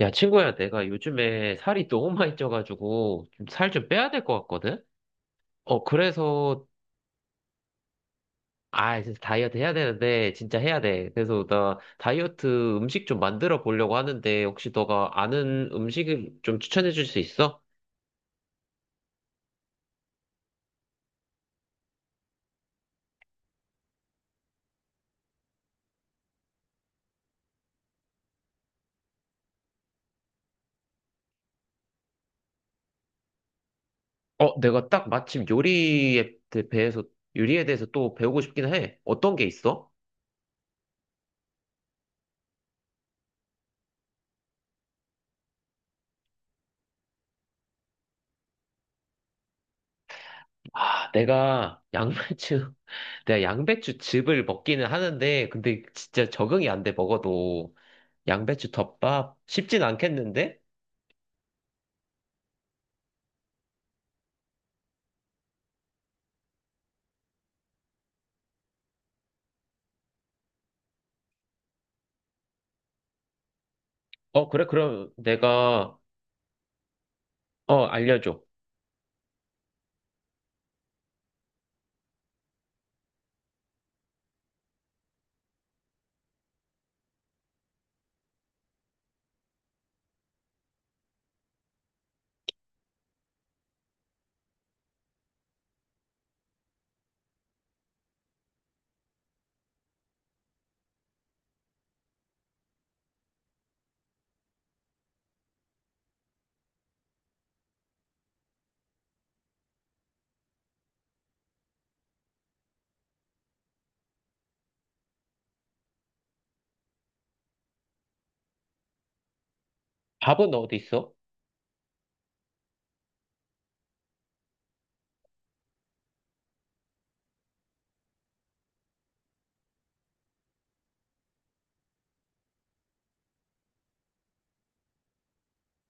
야, 친구야, 내가 요즘에 살이 너무 많이 쪄가지고 좀 살 좀 빼야 될 것 같거든? 어, 그래서, 아, 진짜 다이어트 해야 되는데, 진짜 해야 돼. 그래서 나 다이어트 음식 좀 만들어 보려고 하는데, 혹시 너가 아는 음식을 좀 추천해 줄 수 있어? 어, 내가 딱 마침 해서 요리에 대해서 또 배우고 싶긴 해. 어떤 게 있어? 아, 내가 양배추 즙을 먹기는 하는데, 근데 진짜 적응이 안 돼, 먹어도. 양배추 덮밥? 쉽진 않겠는데? 어, 그래, 그럼 내가, 어, 알려줘. 밥은 어디 있어?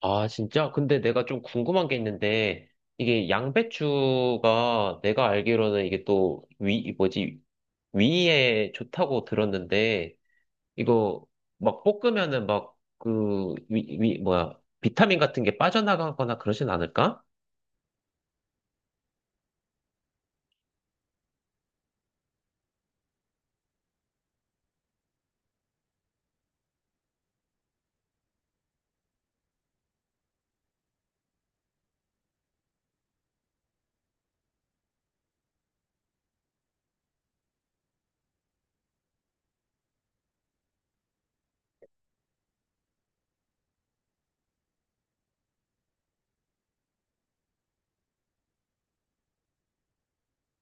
아, 진짜? 근데 내가 좀 궁금한 게 있는데, 이게 양배추가 내가 알기로는 이게 또 위, 뭐지, 위에 좋다고 들었는데, 이거 막 볶으면은 막 그, 뭐야, 비타민 같은 게 빠져나가거나 그러진 않을까?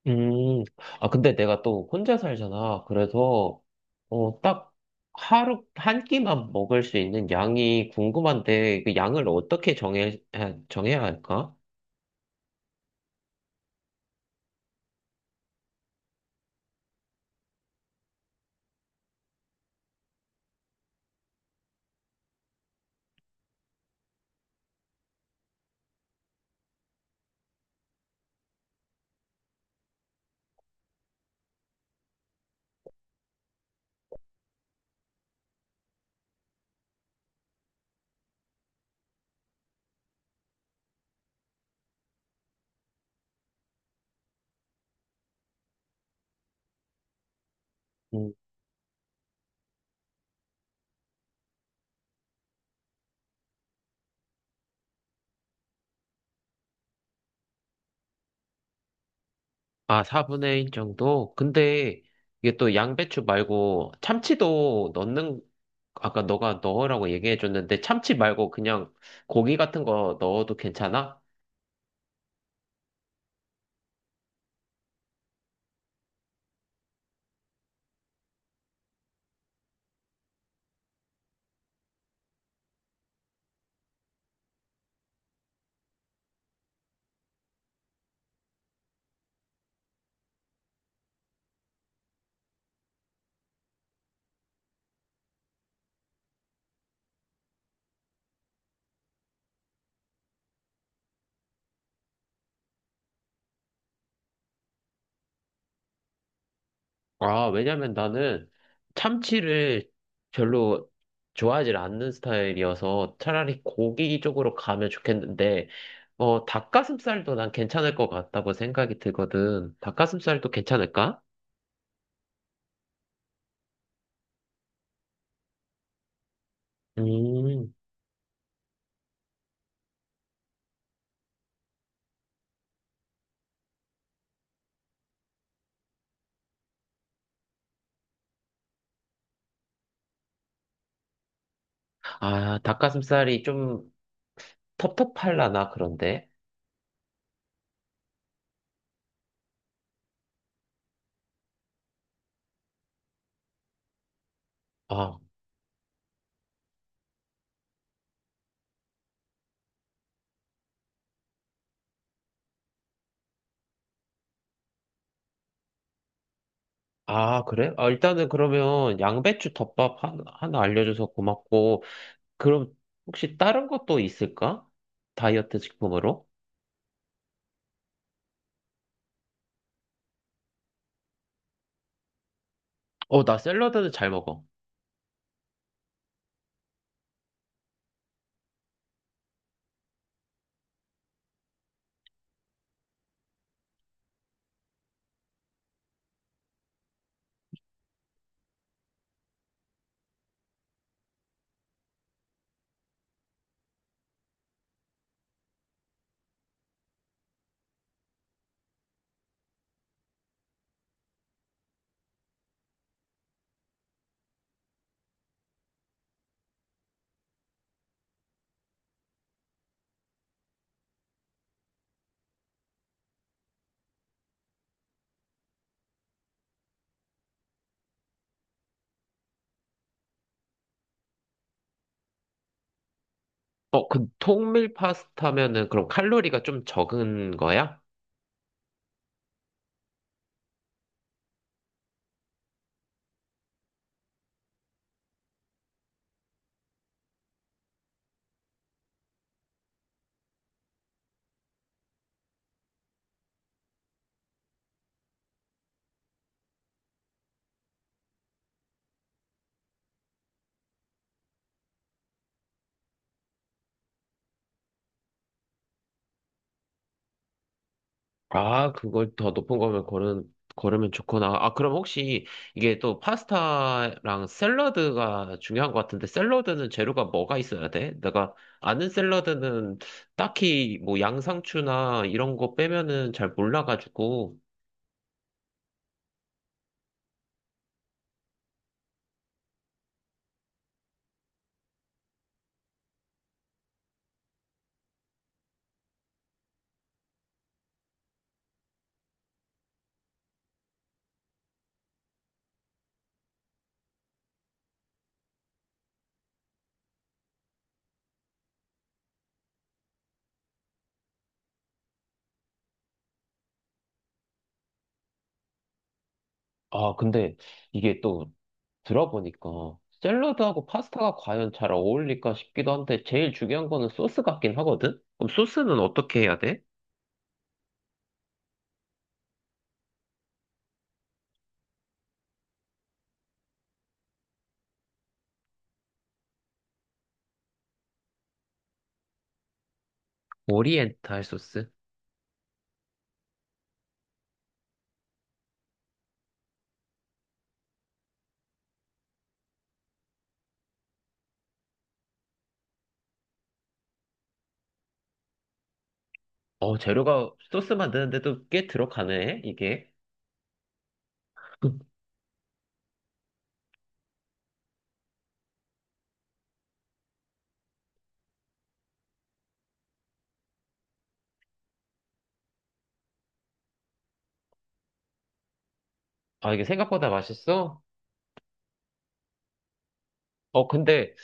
음, 아, 근데 내가 또 혼자 살잖아. 그래서, 어, 딱 하루, 한 끼만 먹을 수 있는 양이 궁금한데, 그 양을 어떻게 정해야 할까? 음. 아, 4분의 1 정도? 근데 이게 또 양배추 말고 참치도 넣는, 아까 너가 넣으라고 얘기해줬는데, 참치 말고 그냥 고기 같은 거 넣어도 괜찮아? 아, 왜냐면 나는 참치를 별로 좋아하지 않는 스타일이어서 차라리 고기 쪽으로 가면 좋겠는데, 어, 닭가슴살도 난 괜찮을 것 같다고 생각이 들거든. 닭가슴살도 괜찮을까? 음, 아, 닭가슴살이 좀 텁텁할라나, 그런데. 아, 아, 그래? 아, 일단은 그러면 양배추 덮밥 하나 알려줘서 고맙고, 그럼 혹시 다른 것도 있을까? 다이어트 식품으로? 어, 나 샐러드는 잘 먹어. 어, 그 통밀 파스타면은 그럼 칼로리가 좀 적은 거야? 아, 그걸 더 높은 거면 고르면 좋구나. 아, 그럼 혹시 이게 또 파스타랑 샐러드가 중요한 것 같은데 샐러드는 재료가 뭐가 있어야 돼? 내가 아는 샐러드는 딱히 뭐 양상추나 이런 거 빼면은 잘 몰라가지고. 아, 근데 이게 또 들어보니까 샐러드하고 파스타가 과연 잘 어울릴까 싶기도 한데 제일 중요한 거는 소스 같긴 하거든? 그럼 소스는 어떻게 해야 돼? 오리엔탈 소스? 어, 재료가 소스 만드는데도 꽤 들어가네, 이게. 아, 이게 생각보다 맛있어? 어, 근데,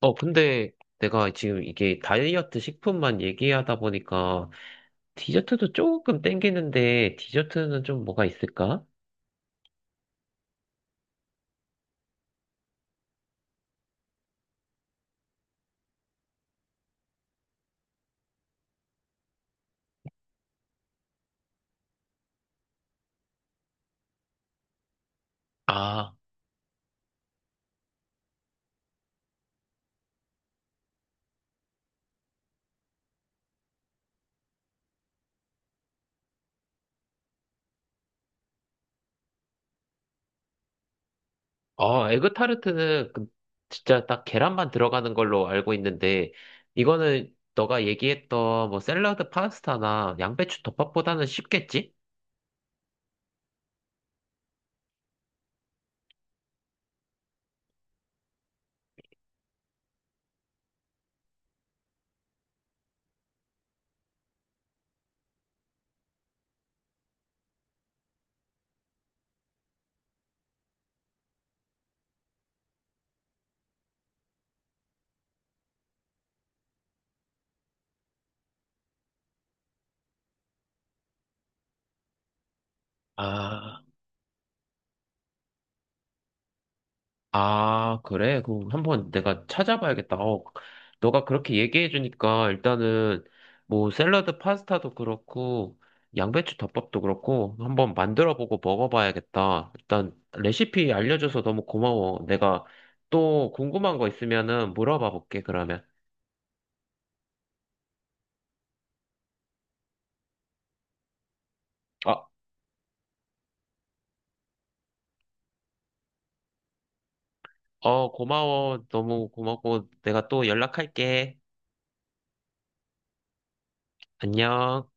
어, 근데 내가 지금 이게 다이어트 식품만 얘기하다 보니까 디저트도 조금 땡기는데 디저트는 좀 뭐가 있을까? 아, 어, 에그타르트는 진짜 딱 계란만 들어가는 걸로 알고 있는데, 이거는 너가 얘기했던 뭐 샐러드 파스타나 양배추 덮밥보다는 쉽겠지? 아, 아, 그래? 그럼 한번 내가 찾아봐야겠다. 어, 너가 그렇게 얘기해주니까 일단은 뭐 샐러드 파스타도 그렇고, 양배추 덮밥도 그렇고, 한번 만들어보고 먹어봐야겠다. 일단 레시피 알려줘서 너무 고마워. 내가 또 궁금한 거 있으면은 물어봐 볼게, 그러면. 어, 어, 고마워. 너무 고맙고, 내가 또 연락할게. 안녕.